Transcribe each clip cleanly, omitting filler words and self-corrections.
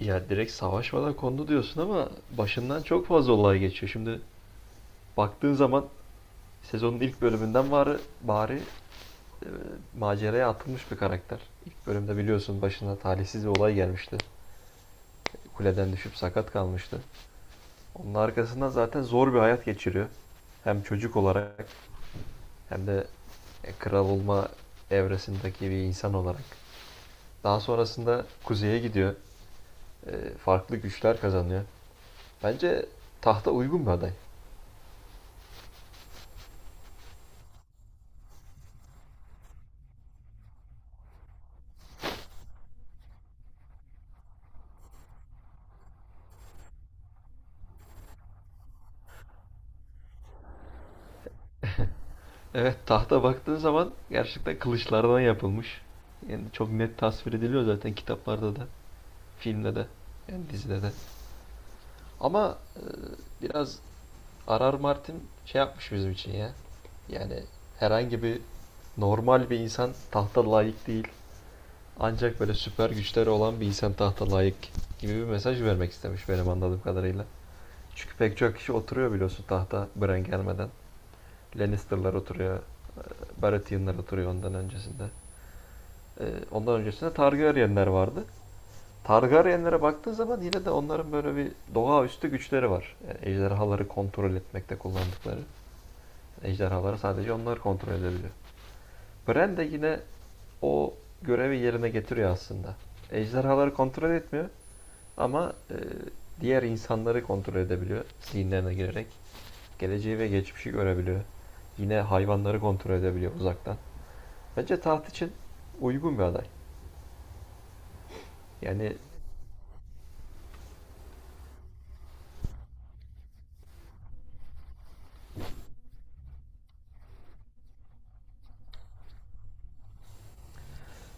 Ya direkt savaşmadan kondu diyorsun ama başından çok fazla olay geçiyor. Şimdi baktığın zaman sezonun ilk bölümünden e, maceraya atılmış bir karakter. İlk bölümde biliyorsun başına talihsiz bir olay gelmişti. Kuleden düşüp sakat kalmıştı. Onun arkasından zaten zor bir hayat geçiriyor. Hem çocuk olarak hem de kral olma evresindeki bir insan olarak. Daha sonrasında kuzeye gidiyor. E, farklı güçler kazanıyor. Bence tahta uygun bir aday. Evet, tahta baktığın zaman gerçekten kılıçlardan yapılmış. Yani çok net tasvir ediliyor zaten kitaplarda da, filmde de, yani dizide de. Ama biraz R.R. Martin şey yapmış bizim için ya. Yani herhangi bir normal bir insan tahta layık değil. Ancak böyle süper güçleri olan bir insan tahta layık gibi bir mesaj vermek istemiş benim anladığım kadarıyla. Çünkü pek çok kişi oturuyor biliyorsun tahta Bran gelmeden. Lannister'lar oturuyor, Baratheon'lar oturuyor ondan öncesinde. Ee, ondan öncesinde Targaryenler vardı. Targaryenlere baktığın zaman yine de onların böyle bir doğaüstü güçleri var. Yani ejderhaları kontrol etmekte kullandıkları. Ejderhaları sadece onlar kontrol edebiliyor. Bran de yine o görevi yerine getiriyor aslında. Ejderhaları kontrol etmiyor ama diğer insanları kontrol edebiliyor. Zihinlerine girerek geleceği ve geçmişi görebiliyor. Yine hayvanları kontrol edebiliyor uzaktan. Bence taht için uygun bir aday. Yani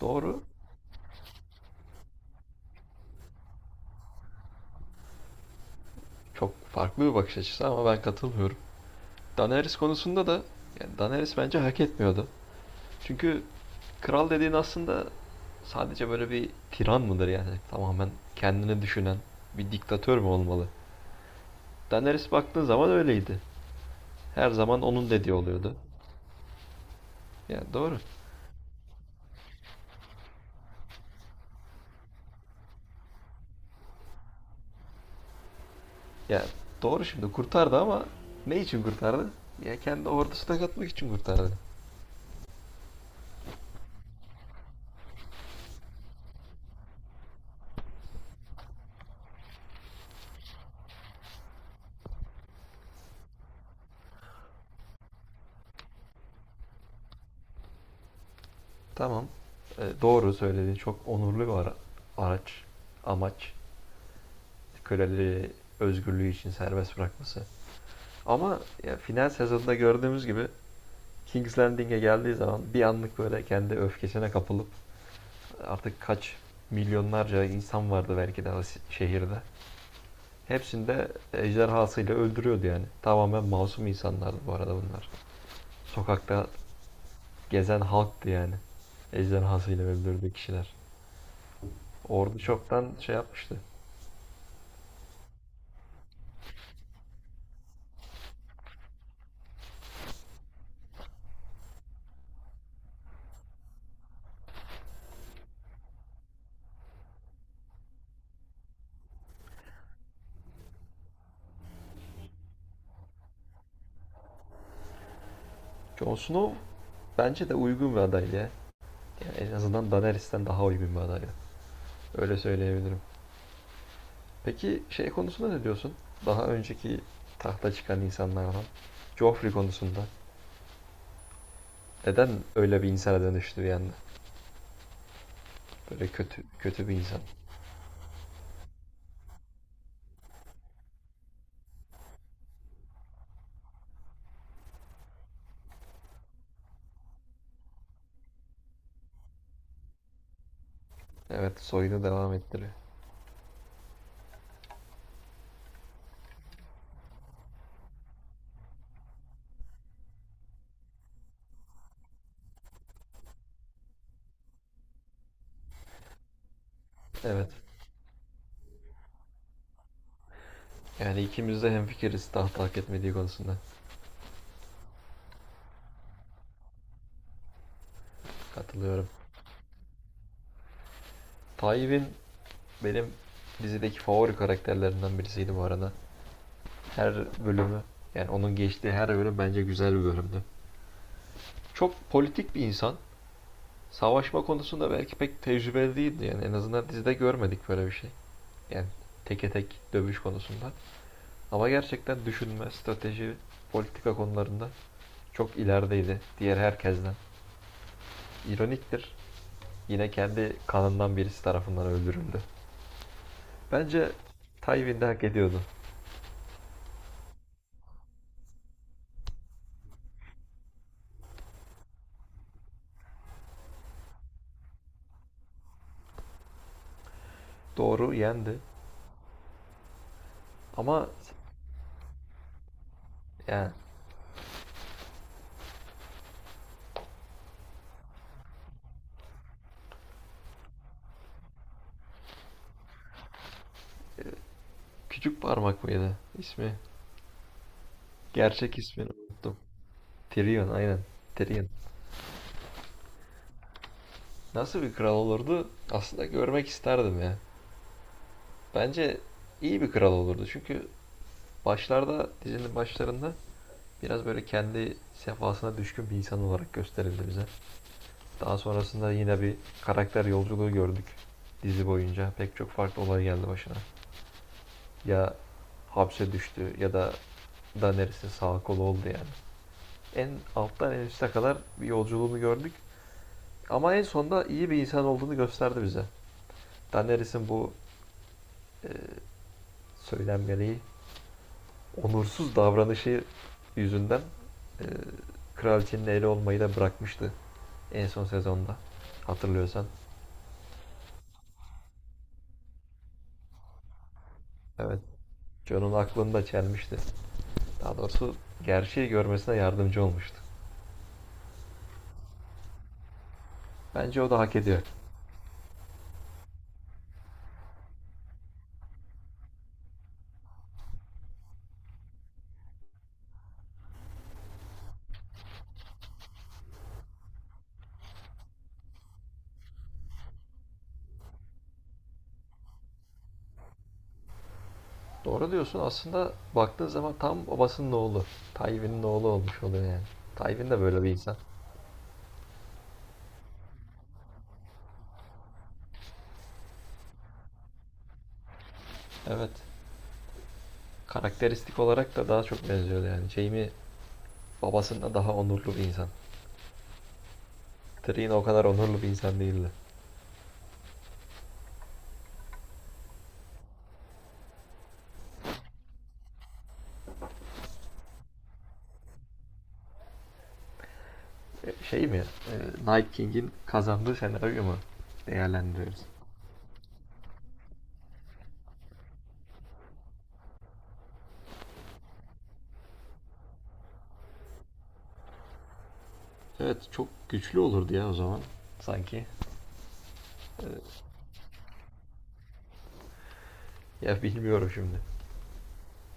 doğru. Çok farklı bir bakış açısı ama ben katılmıyorum. Daenerys konusunda da yani Daenerys bence hak etmiyordu. Çünkü kral dediğin aslında sadece böyle bir tiran mıdır yani? Tamamen kendini düşünen bir diktatör mü olmalı? Daenerys baktığın zaman öyleydi. Her zaman onun dediği oluyordu. Yani doğru. Yani doğru, şimdi kurtardı ama ne için kurtardı? Ya kendi ordusuna katmak için kurtardı. Tamam. Doğru söylediğin çok onurlu bir araç, amaç. Köleleri özgürlüğü için serbest bırakması. Ama ya final sezonunda gördüğümüz gibi King's Landing'e geldiği zaman bir anlık böyle kendi öfkesine kapılıp artık kaç milyonlarca insan vardı belki de şehirde. Hepsini de ejderhasıyla öldürüyordu yani. Tamamen masum insanlardı bu arada bunlar. Sokakta gezen halktı yani. Ejderhasıyla öldürdüğü kişiler. Ordu çoktan şey yapmıştı. Jon Snow bence de uygun bir aday ya. Yani en azından Daenerys'ten daha uygun bir aday. Öyle söyleyebilirim. Peki şey konusunda ne diyorsun? Daha önceki tahta çıkan insanlardan. Joffrey konusunda. Neden öyle bir insana dönüştü bir anda? Böyle kötü bir insan. Evet, soyunu devam ettiriyor. Evet. Yani ikimiz de hemfikiriz tahta hak etmediği konusunda. Katılıyorum. Tywin benim dizideki favori karakterlerinden birisiydi bu arada. Her bölümü, yani onun geçtiği her bölüm bence güzel bir bölümdü. Çok politik bir insan. Savaşma konusunda belki pek tecrübeli değildi yani, en azından dizide görmedik böyle bir şey. Yani teke tek dövüş konusunda. Ama gerçekten düşünme, strateji, politika konularında çok ilerideydi diğer herkesten. İroniktir. Yine kendi kanından birisi tarafından öldürüldü. Bence Tywin de hak ediyordu. Doğru, yendi. Ama yani küçük parmak mıydı ismi? Gerçek ismini unuttum. Tyrion aynen. Tyrion. Nasıl bir kral olurdu? Aslında görmek isterdim ya. Bence iyi bir kral olurdu. Çünkü dizinin başlarında biraz böyle kendi sefasına düşkün bir insan olarak gösterildi bize. Daha sonrasında yine bir karakter yolculuğu gördük dizi boyunca. Pek çok farklı olay geldi başına. Ya hapse düştü ya da Daenerys'in sağ kolu oldu yani. En alttan en üste kadar bir yolculuğunu gördük. Ama en sonunda iyi bir insan olduğunu gösterdi bize. Daenerys'in bu e, söylenmeliği onursuz davranışı yüzünden e, kraliçenin eli olmayı da bırakmıştı en son sezonda. Hatırlıyorsan. Evet. John'un aklını da çelmişti. Daha doğrusu gerçeği görmesine yardımcı olmuştu. Bence o da hak ediyor. Doğru diyorsun, aslında baktığın zaman tam babasının oğlu. Tywin'in oğlu olmuş oluyor yani. Tywin de böyle bir insan. Evet. Karakteristik olarak da daha çok benziyordu yani. Jaime babasından daha onurlu bir insan. Tyrion o kadar onurlu bir insan değildi. Şey mi? E, Night King'in kazandığı senaryo mu? Değerlendiriyoruz. Evet, çok güçlü olurdu ya o zaman. Sanki. Ya bilmiyorum şimdi.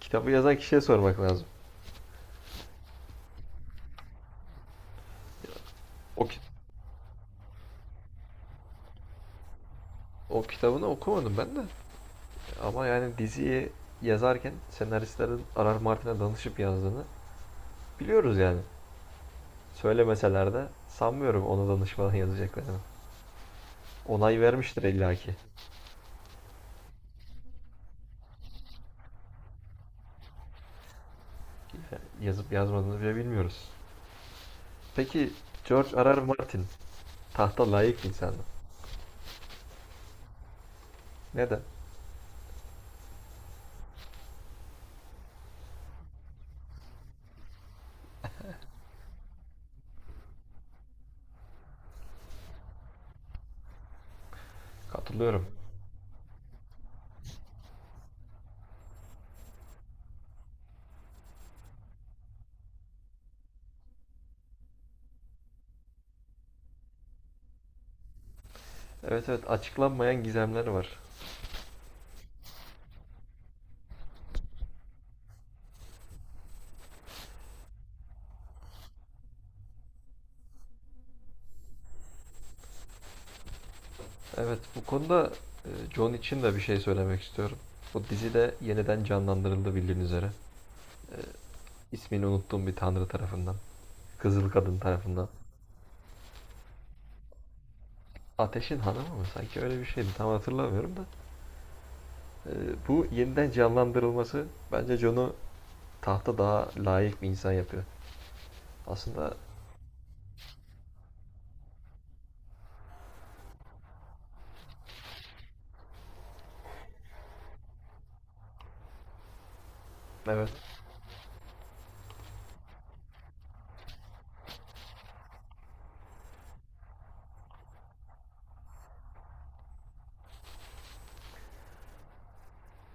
Kitabı yazan kişiye sormak lazım. O, ki- O kitabını okumadım ben de. Ama yani diziyi yazarken senaristlerin Arar Martin'e danışıp yazdığını biliyoruz yani. Söylemeseler de sanmıyorum ona danışmadan yazacaklarını. Onay vermiştir illaki. Yazıp yazmadığını bile bilmiyoruz. Peki George Arar Martin tahta layık bir insan mı? Neden? Katılıyorum. Evet evet, açıklanmayan gizemleri var. Evet, bu konuda John için de bir şey söylemek istiyorum. Bu dizi de yeniden canlandırıldı bildiğin üzere. E, ismini unuttuğum bir tanrı tarafından. Kızıl Kadın tarafından. Ateşin Hanımı mı? Sanki öyle bir şeydi. Tam hatırlamıyorum da. E, bu yeniden canlandırılması bence John'u tahta daha layık bir insan yapıyor. Aslında evet.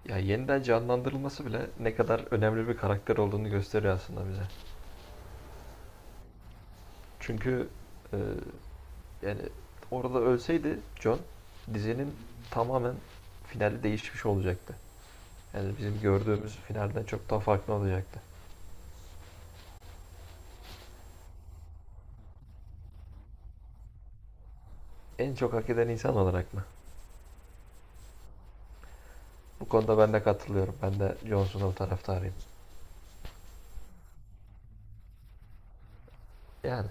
Ya yeniden canlandırılması bile ne kadar önemli bir karakter olduğunu gösteriyor aslında bize. Çünkü e, Yani orada ölseydi John dizinin tamamen finali değişmiş olacaktı. Yani bizim gördüğümüz finalden çok daha farklı olacaktı. En çok hak eden insan olarak mı? Bu konuda ben de katılıyorum. Ben de John Snow taraftarıyım. Yani